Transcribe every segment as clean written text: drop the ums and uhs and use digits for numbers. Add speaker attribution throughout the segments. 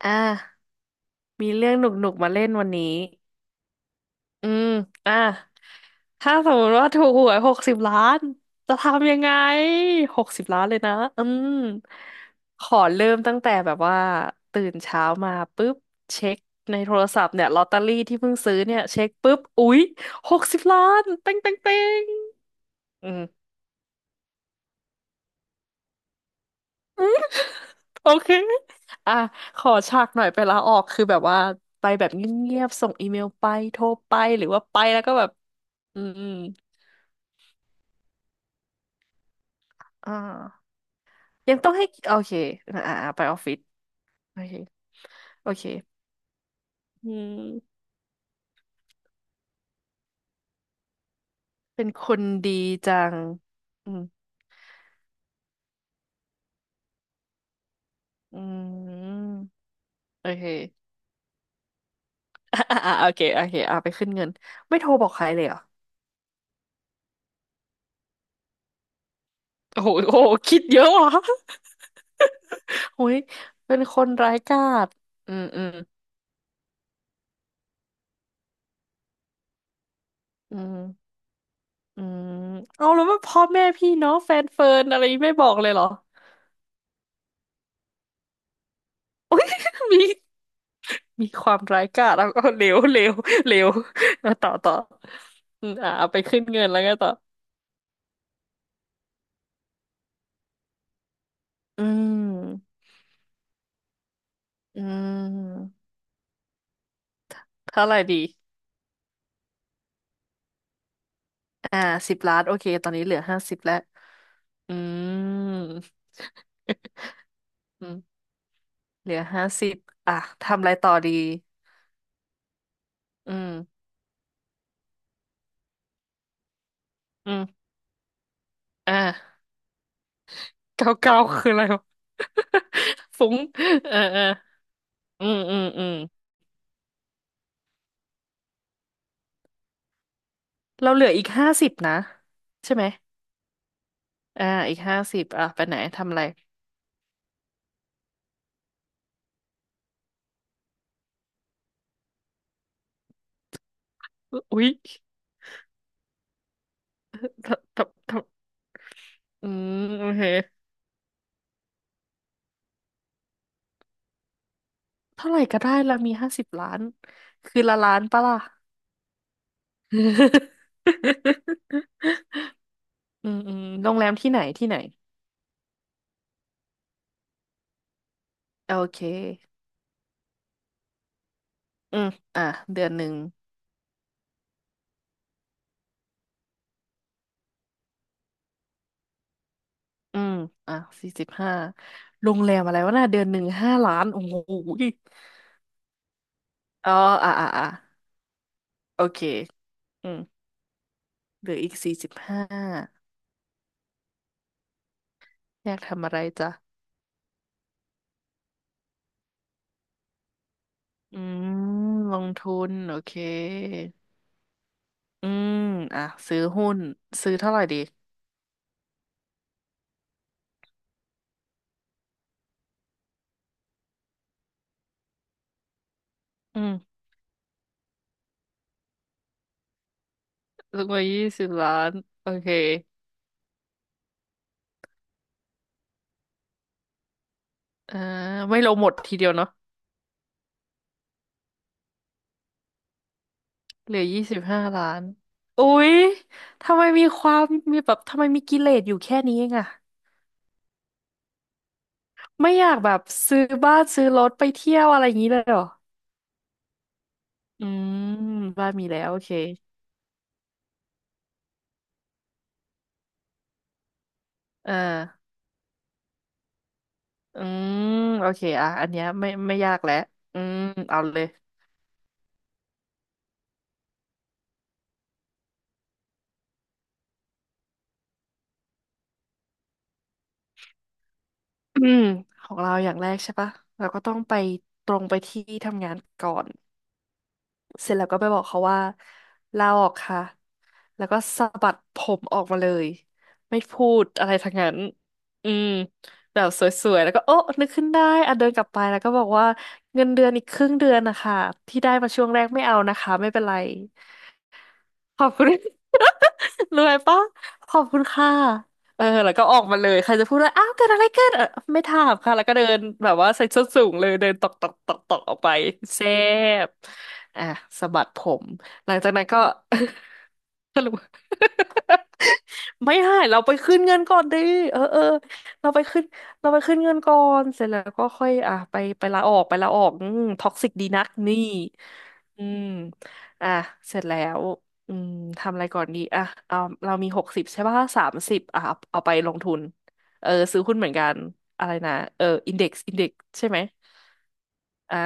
Speaker 1: อ่ามีเรื่องหนุกๆมาเล่นวันนี้ อืมอ่าถ้าสมมติว่าถูกหวยหกสิบล้านจะทำยังไงหกสิบล้านเลยนะ อืม ขอเริ่มตั้งแต่แบบว่าตื่นเช้ามาปุ๊บเช็คในโทรศัพท์เนี่ยลอตเตอรี่ที่เพิ่งซื้อเนี่ยเช็คปุ๊บอุ๊ยหกสิบล้านเป้งเป้งเป้งอืม โอเค อ่ะ ขอฉากหน่อยไปลาออก คือแบบว่าไปแบบเงียบๆส่งอีเมลไป โทรไป หรือว่าไปแล้วก็แบบอืมอ่ายังต้องให้โอเคไปออฟฟิศโอเคโอเคอืมเป็นคนดีจัง อืมอืมโอเคโอเคโอเคไปขึ้นเงินไม่โทรบอกใครเลยเหรอโอ้โหโอ้โหคิดเยอะว่ะ โอ้ย เป็นคนร้ายกาจอืมอืมอืม อืมเอาแล้วว่าพ่อแม่พี่น้องแฟนเฟิร์นอะไรไม่บอกเลยเหรออุ๊ย มีมีความร้ายกาจแล้วก็เลว เลวเลวเอาต่อต่ออืมเอาไปขึ้นเงินแล้วไงต่ออืมอืมเท่าไหร่ดีอ่าสิบล้านโอเคตอนนี้เหลือห้าสิบแล้วอืม อืมเหลือ50อ่ะทำอะไรต่อดีอืมอืมอ่าเก้าเก้าคืออะไรวะ ฟุ้งเออเอออืมอืมอืม เราเหลืออีก50นะใช่ไหมอ่าอีกห้าสิบอ่ะไปไหนทำอะไรอุ๊ยทำทำทำอืมโอเคเท่าไหร่ก็ได้เรามี50 ล้านคือละล้านปะล่ะ อืมอืมโรงแรมที่ไหนที่ไหนโอเคอืมอ่ะเดือนหนึ่งอืมอ่ะสี่สิบห้าโรงแรมอะไรวะน่ะเดือนหนึ่งห้าล้านโอ้โหยอ๋ออ่ะอ่ะอ่ะโอเคอืมเหลืออีกสี่สิบห้าอยากทำอะไรจ๊ะ อืมลงทุนโอเคอืมอ่ะซื้อหุ้นซื้อเท่าไหร่ดีอืมซื้อมา20 ล้านโอเคอ่าไม่ลงหมดทีเดียวเนาะเหลือ25 ล้านอุ๊ยทำไมมีความมีแบบทำไมมีกิเลสอยู่แค่นี้เองอะไม่อยากแบบซื้อบ้านซื้อรถไปเที่ยวอะไรอย่างนี้เลยเหรออืมบ้านมีแล้วโอเคอ่าอืมโอเคอ่ะอันเนี้ยไม่ยากแล้วอืมเอาเลย อืมของเราอย่างแรกใช่ปะเราก็ต้องไปตรงไปที่ทำงานก่อนเสร็จแล้วก็ไปบอกเขาว่าลาออกค่ะแล้วก็สะบัดผมออกมาเลยไม่พูดอะไรทั้งนั้นอืมแบบสวยๆแล้วก็โอ๊ะนึกขึ้นได้อ่ะเดินกลับไปแล้วก็บอกว่าเงินเดือนอีกครึ่งเดือนนะคะที่ได้มาช่วงแรกไม่เอานะคะไม่เป็นไร ขอบคุณ รวยปะขอบคุณค่ะเออแล้วก็ออกมาเลย ใครจะพูดว่าอ้าวเกิดอะไรขึ้นเออไม่ถามค่ะ แล้วก็เดินแบบว่าใส่ส้นสูงเลยเดินตอกตอกตอกตอกออกไปแซ่บอ่ะสะบัดผมหลังจากนั้นก็ สรุป ไม่หาย เราไปขึ้นเงินก่อนดิ เออเออเราไปขึ้นเราไปขึ้นเงินก่อนเสร็จแล้วก็ค่อยอ่ะไปลาออกอืมท็อกซิกดีนักนี่อืมอ่ะเสร็จแล้ว อืมทำอะไรก่อนดีอ่ะเอาเรามีหกสิบใช่ป่ะสามสิบอ่ะเอาไปลงทุนเออซื้อหุ้นเหมือนกันอะไรนะเอออินเด็กซ์ใช่ไหมอ่า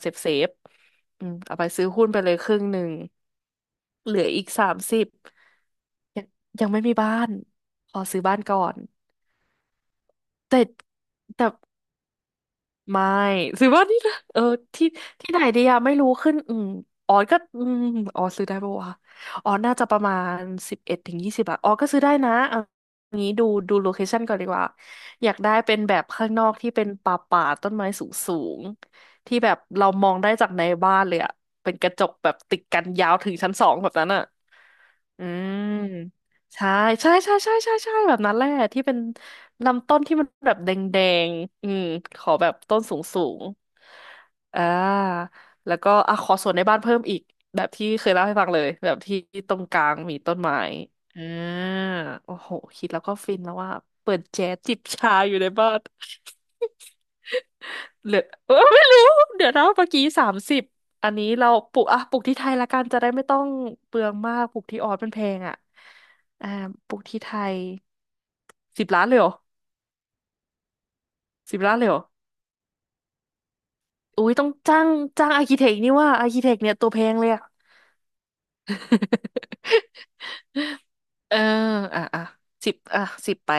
Speaker 1: เซฟเซฟอืมเอาไปซื้อหุ้นไปเลยครึ่งหนึ่งเหลืออีกสามสิบยังยังไม่มีบ้านขอซื้อบ้านก่อนแต่แต่ ไม่ซื้อว่านี่นะเออที่ที่ไหนดีอะไม่รู้ขึ้นอืมอ๋อก็อืมอ๋อซื้อได้ปะวะอ๋อน่าจะประมาณ11ถึงยี่สิบอทอ๋อก็ซื้อได้นะเอางี้ดูโลเคชั่นก่อนดีกว่าอยากได้เป็นแบบข้างนอกที่เป็นป่าป่าต้นไม้สูงสูงที่แบบเรามองได้จากในบ้านเลยอะเป็นกระจกแบบติดกันยาวถึงชั้นสองแบบนั้นอะอืมใช่ใช่ใช่ใช่ใช่ใช่แบบนั้นแหละที่เป็น ลำต้นที่มันแบบแดงๆอืมขอแบบต้นสูงๆอ่าแล้วก็อ่ะขอสวนในบ้านเพิ่มอีกแบบที่เคยเล่าให้ฟังเลยแบบที่ตรงกลางมีต้นไม้อ่าโอ้โหคิดแล้วก็ฟินแล้วว่าเปิดแจ๊สจิบชาอยู่ในบ้าน เหลือเออไม่รู้เดี๋ยวนะเมื่อกี้สามสิบอันนี้เราปลูกอ่ะปลูกที่ไทยละกันจะได้ไม่ต้องเปลืองมากปลูกที่ออสมันแพงอ่ะอ่าปลูกที่ไทยสิบล้านเลยเหรอสิบล้านเลยเหรอ อุ้ยต้องจ้างจ้างอาร์คิเทคนี่ว่าอาร์คิเทคเนี่ยตัวแพงเลยอะ เอออ่ะอ่ะสิบอ่ะสิบไป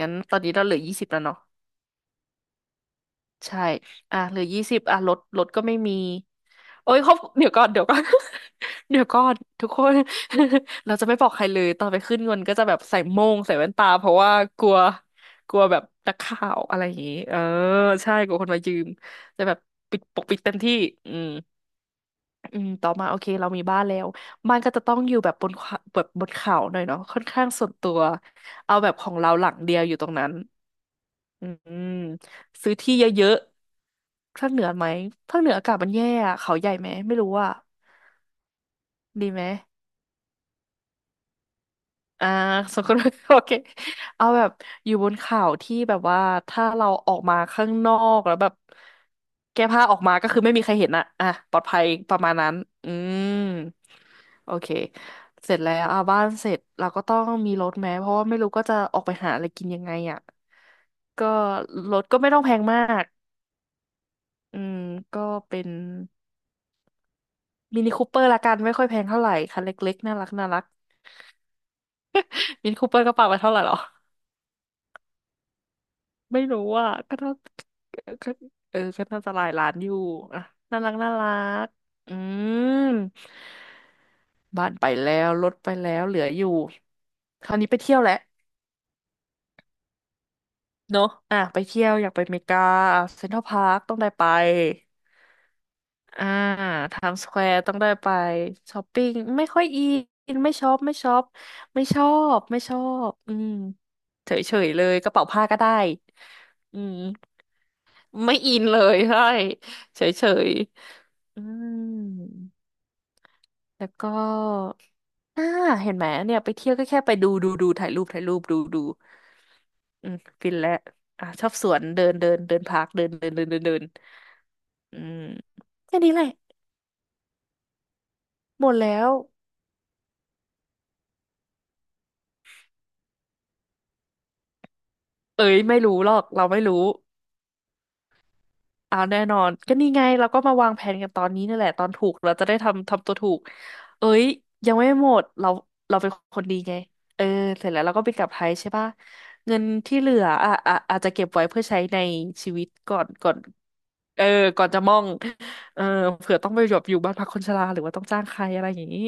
Speaker 1: งั้นตอนนี้เราเหลือยี่สิบแล้วเนาะใช่อ่ะเหลือยี่สิบอ่ะรถรถก็ไม่มีโอ้ยเขา เดี๋ยวก่อน เดี๋ยวก่อนทุกคน เราจะไม่บอกใครเลยตอนไปขึ้นเงินก็จะแบบใส่โม่งใส่แว่นตาเพราะว่ากลัวกลัวแบบนักข่าวอะไรอย่างงี้เออใช่กลัวคนมายืมจะแบบปิดปกปิดเต็มที่อืม อืม ต่อมาโอเคเรามีบ้านแล้วบ้านก็จะต้องอยู่แบบบนเขาแบบบนเขาหน่อยเนาะค่อนข้างส่วนตัว เอาแบบของเราหลังเดียวอยู่ตรงนั้นอืมซื้อที่เยอะๆภาคเหนือไหมภาคเหนืออากาศมันแย่อะเขาใหญ่ไหม ไม่รู้อ่ะดีไหม อ่าสกุล โอเคเอาแบบอยู่บนเขาที่แบบว่าถ้าเราออกมาข้างนอกแล้วแบบแก้ผ้าออกมาก็คือไม่มีใครเห็นอะอ่ะปลอดภัยประมาณนั้นอืมโอเคเสร็จแล้วอ่ะบ้านเสร็จเราก็ต้องมีรถแม้เพราะว่าไม่รู้ก็จะออกไปหาอะไรกินยังไงอ่ะก็รถก็ไม่ต้องแพงมากอืมก็เป็นมินิคูเปอร์ละกันไม่ค่อยแพงเท่าไหร่คันเล็กๆน่ารักน่ารักมินิคูเปอร์กระเป๋าไปเท่าไหร่หรอ ไม่รู้อ่ะก็น่าก็เออก็น่าจะหลายล้านอยู่อ่ะน่ารักน่ารักอืมบ้านไปแล้วรถไปแล้วเหลืออยู่คราวนี้ไปเที่ยวแหละเนอะอ่ะไปเที่ยวอยากไปอเมริกาเซ็นทรัลพาร์คต้องได้ไปอ่าไทม์สแควร์ต้องได้ไปช้อปปิ้งไม่ค่อยอินไม่ชอบไม่ชอบไม่ชอบไม่ชอบอืมเฉยๆเลยกระเป๋าผ้าก็ได้อืมไม่อินเลยใช่เฉย อืมแล้วก็อ่าเห็นไหมเนี่ยไปเที่ยวก็แค่ไปดูดูดูถ่ายรูปถ่ายรูปดูดูอืมฟินแล้วอ่ะชอบสวนเดินเดินเดินพาร์คเดินเดินเดินเดินเดินอืมแค่นี้แหละหมดแล้วเอ้ยไม่รู้หรอกเราไม่รู้ อ่าแน่นอนก็นี่ไงเราก็มาวางแผนกันตอนนี้นี่แหละตอนถูกเราจะได้ทำทำตัวถูกเอ้ยยังไม่หมดเราเราเป็นคนดีไงเออเสร็จแล้วเราก็บินกลับไทยใช่ปะเงินที่เหลืออ่ะอ่ะอาจจะเก็บไว้เพื่อใช้ในชีวิตก่อนก่อนเออก่อนจะมองเออเผื่อต้องไปหยบอยู่บ้านพักคนชราหรือว่าต้องจ้างใครอะไรอย่างนี้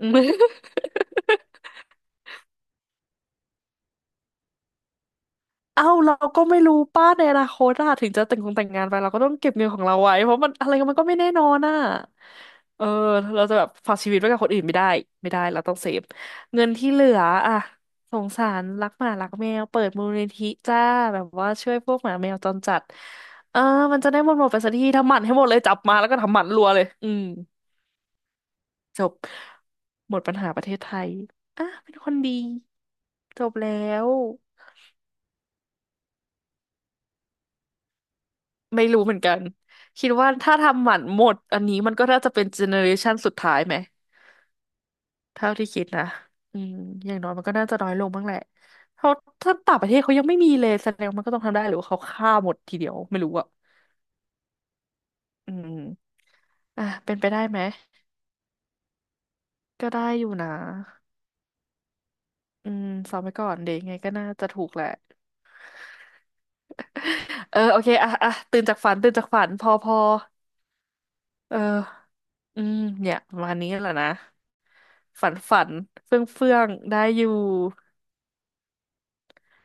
Speaker 1: อืม เอ้าเราก็ไม่รู้ป้าในอนาคตอะถึงจะแต่งคงแต่งงานไปเราก็ต้องเก็บเงินของเราไว้เพราะมันอะไรมันก็ไม่แน่นอนอะเออเราจะแบบฝากชีวิตไว้กับคนอื่นไม่ได้ไม่ได้เราต้องเซฟเงินที่เหลืออะสงสารรักหมารักแมวเปิดมูลนิธิจ้าแบบว่าช่วยพวกหมาแมวจรจัดเออมันจะได้หมดหมดไปสักทีทำหมันให้หมดเลยจับมาแล้วก็ทำหมันรัวเลยอืมจบหมดปัญหาประเทศไทยอ่ะเป็นคนดีจบแล้ว ไม่รู้เหมือนกันคิดว่าถ้าทำหมันหมดอันนี้มันก็น่าจะเป็นเจเนอเรชันสุดท้ายไหมเท่าที่คิดนะอืมอย่างน้อยมันก็น่าจะน้อยลงบ้างแหละเขาถ้าต่างประเทศเขายังไม่มีเลยแสดงว่ามันก็ต้องทำได้หรือว่าเขาฆ่าหมดทีเดียวไม่รู้อะอืมอ่ะเป็นไปได้ไหมก็ได้อยู่นะอืมซ้อมไปก่อนเดี๋ยวยังไงก็น่าจะถูกแหละ เออโอเคอ่ะอ่ะตื่นจากฝันตื่นจากฝันพอพอเอออืมเนี่ยประมาณนี้แหละนะฝันฝันเฟื่องเฟื่องได้อยู่